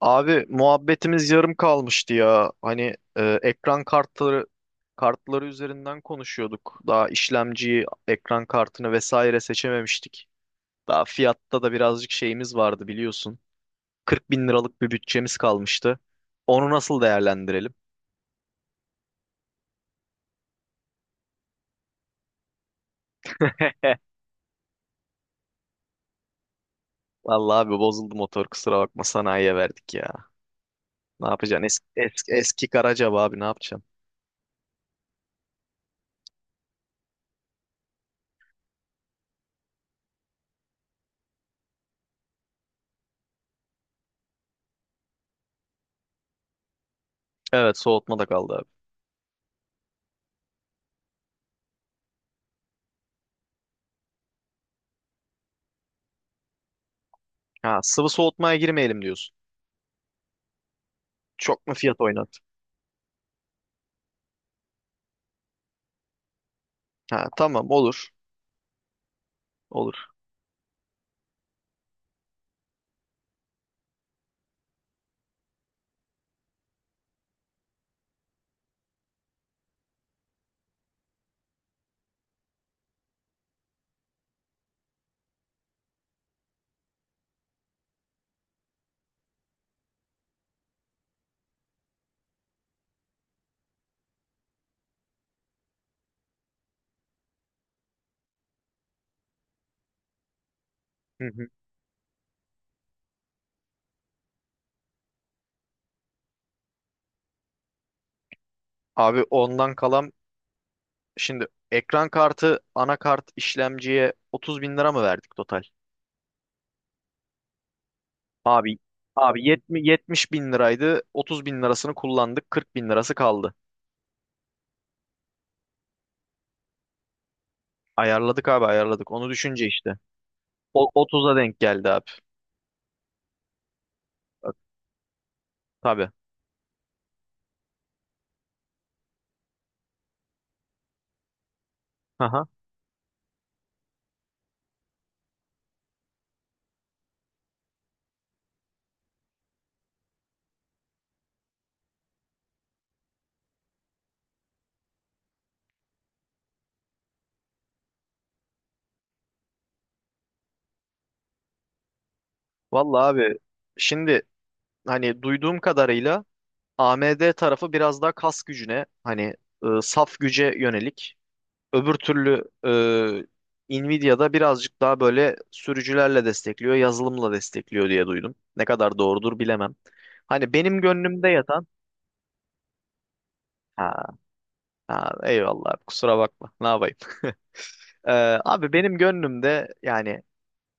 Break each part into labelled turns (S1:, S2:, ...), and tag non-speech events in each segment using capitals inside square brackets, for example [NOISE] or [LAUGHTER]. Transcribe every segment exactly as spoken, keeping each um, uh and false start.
S1: Abi muhabbetimiz yarım kalmıştı ya. Hani e, ekran kartları kartları üzerinden konuşuyorduk. Daha işlemciyi, ekran kartını vesaire seçememiştik. Daha fiyatta da birazcık şeyimiz vardı biliyorsun. kırk bin liralık bir bütçemiz kalmıştı. Onu nasıl değerlendirelim? Vallahi abi, bozuldu motor, kusura bakma, sanayiye verdik ya. Ne yapacaksın? Eski, eski, eski Karacaba abi, ne yapacaksın? Evet, soğutma da kaldı abi. Ha, sıvı soğutmaya girmeyelim diyorsun. Çok mu fiyat oynat? Ha, tamam, olur. Olur. [LAUGHS] Abi, ondan kalan, şimdi ekran kartı, anakart, işlemciye otuz bin lira mı verdik total? Abi abi yetmiş yetmiş bin liraydı, otuz bin lirasını kullandık, kırk bin lirası kaldı. Ayarladık abi, ayarladık, onu düşünce işte. O, otuza denk geldi abi. Bak. Tabii. Aha. Vallahi abi, şimdi hani duyduğum kadarıyla A M D tarafı biraz daha kas gücüne, hani, e, saf güce yönelik. Öbür türlü, e, Nvidia'da birazcık daha böyle sürücülerle destekliyor, yazılımla destekliyor diye duydum. Ne kadar doğrudur bilemem. Hani benim gönlümde yatan, ha, ha, eyvallah abi, kusura bakma, ne yapayım. [LAUGHS] Ee, abi, benim gönlümde, yani,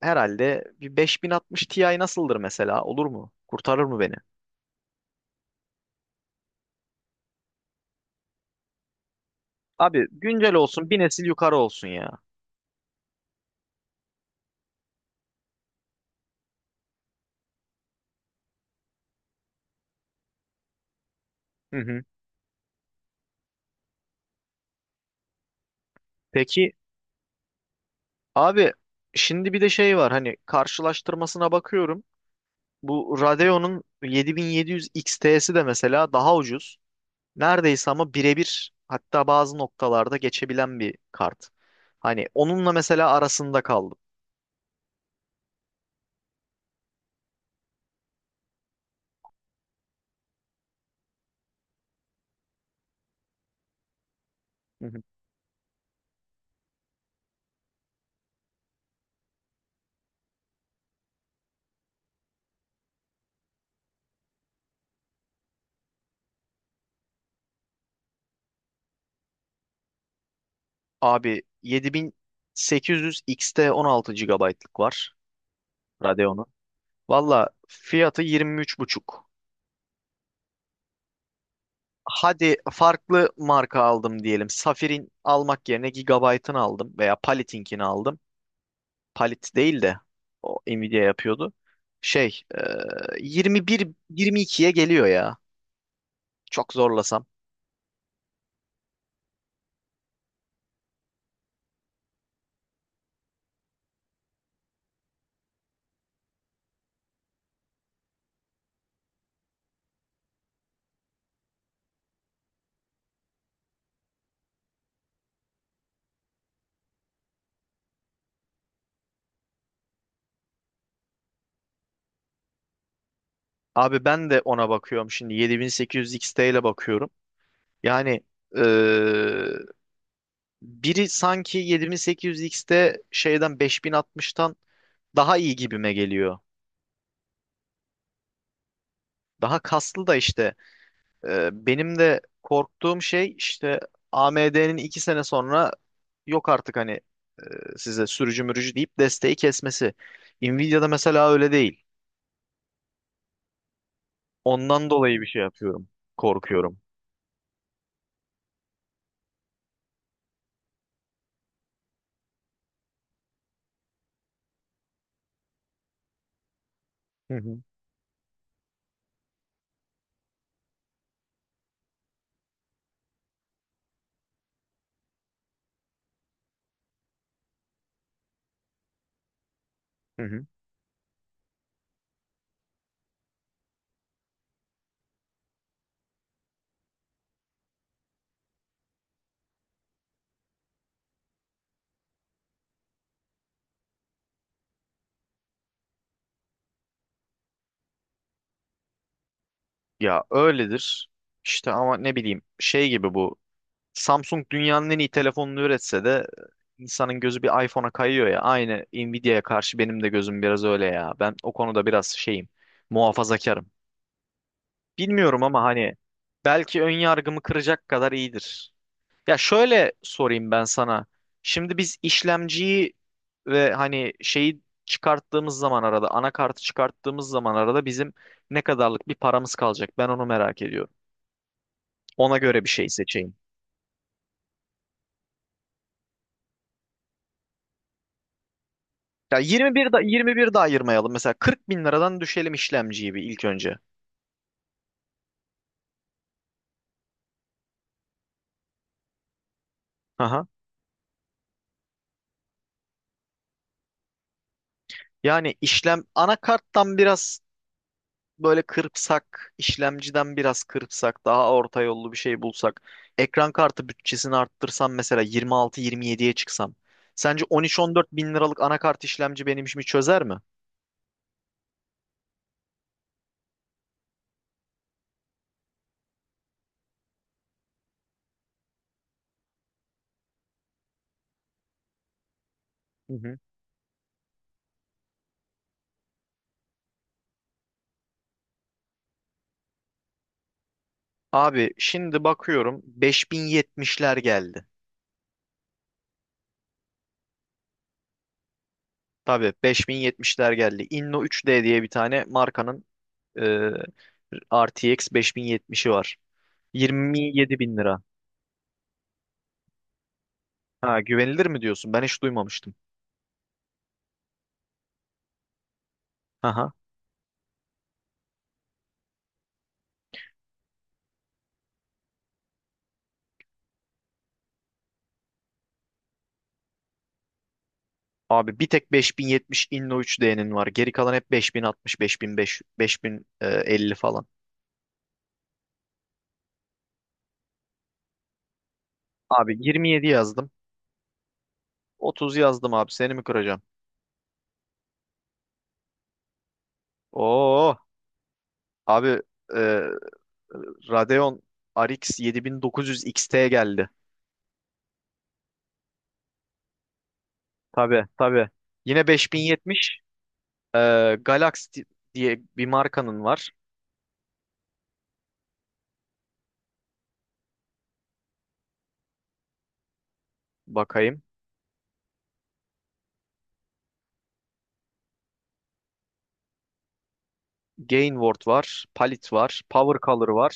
S1: herhalde bir beş bin altmış Ti nasıldır mesela, olur mu? Kurtarır mı beni? Abi güncel olsun, bir nesil yukarı olsun ya. Hı hı. Peki abi, şimdi bir de şey var, hani karşılaştırmasına bakıyorum. Bu Radeon'un yedi bin yedi yüz X T'si de mesela daha ucuz. Neredeyse ama birebir, hatta bazı noktalarda geçebilen bir kart. Hani onunla mesela arasında kaldım. Hı hı. Abi, yedi bin sekiz yüz X T on altı gigabaytlık var Radeon'un. Valla fiyatı yirmi üç buçuk. Hadi farklı marka aldım diyelim. Safir'in almak yerine Gigabyte'ın aldım veya Palik'inkini aldım. Palit değil de o Nvidia yapıyordu. Şey, e, yirmi bir, yirmi ikiye geliyor ya. Çok zorlasam. Abi ben de ona bakıyorum, şimdi yedi bin sekiz yüz X T ile bakıyorum. Yani, e, biri sanki yedi bin sekiz yüz X T, şeyden, beş bin altmıştan daha iyi gibime geliyor. Daha kaslı da işte. Ee, benim de korktuğum şey işte, A M D'nin iki sene sonra, yok artık hani, e, size sürücü mürücü deyip desteği kesmesi. Nvidia'da mesela öyle değil. Ondan dolayı bir şey yapıyorum. Korkuyorum. Hı hı. Hı hı. Ya öyledir. İşte ama ne bileyim, şey gibi bu. Samsung dünyanın en iyi telefonunu üretse de insanın gözü bir iPhone'a kayıyor ya. Aynı Nvidia'ya karşı benim de gözüm biraz öyle ya. Ben o konuda biraz şeyim. Muhafazakarım. Bilmiyorum ama hani belki ön yargımı kıracak kadar iyidir. Ya şöyle sorayım ben sana. Şimdi biz işlemciyi ve hani şeyi çıkarttığımız zaman, arada anakartı çıkarttığımız zaman, arada bizim ne kadarlık bir paramız kalacak? Ben onu merak ediyorum. Ona göre bir şey seçeyim. Ya yirmi bir da yirmi bir de ayırmayalım. Mesela kırk bin liradan düşelim işlemciyi bir, ilk önce. Aha. Yani işlem anakarttan biraz böyle kırpsak, işlemciden biraz kırpsak, daha orta yollu bir şey bulsak, ekran kartı bütçesini arttırsam mesela yirmi altı yirmi yediye çıksam, sence on üç on dört bin liralık anakart işlemci benim işimi çözer mi? Hı hı. Abi, şimdi bakıyorum beş bin yetmişler geldi. Tabii, beş bin yetmişler geldi. Inno üç D diye bir tane markanın, e, R T X beş bin yetmişi var. yirmi yedi bin lira. Ha, güvenilir mi diyorsun? Ben hiç duymamıştım. Abi bir tek beş bin yetmiş Inno üç D'nin var. Geri kalan hep beş bin altmış, beş bin beş, beş bin elli falan. Abi yirmi yedi yazdım. otuz yazdım abi. Seni mi kıracağım? Oo abi, e, Radeon R X yetmiş dokuz yüz X T geldi. Tabii, tabii. Yine beş bin yetmiş, e, Galaxy diye bir markanın var. Bakayım. Gainward var. Palit var. Power Color var.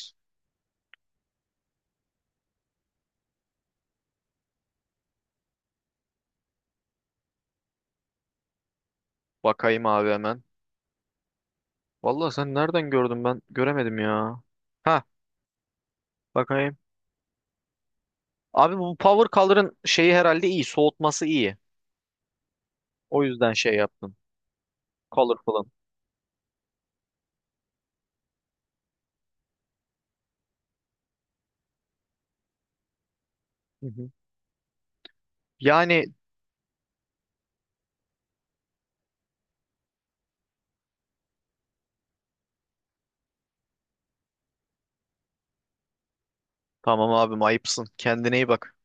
S1: Bakayım abi, hemen. Vallahi sen nereden gördün, ben göremedim ya. Ha, bakayım. Abi, bu Power Color'ın şeyi herhalde iyi. Soğutması iyi. O yüzden şey yaptım. Colorful'ın. Hı hı. Yani tamam abim, ayıpsın. Kendine iyi bak.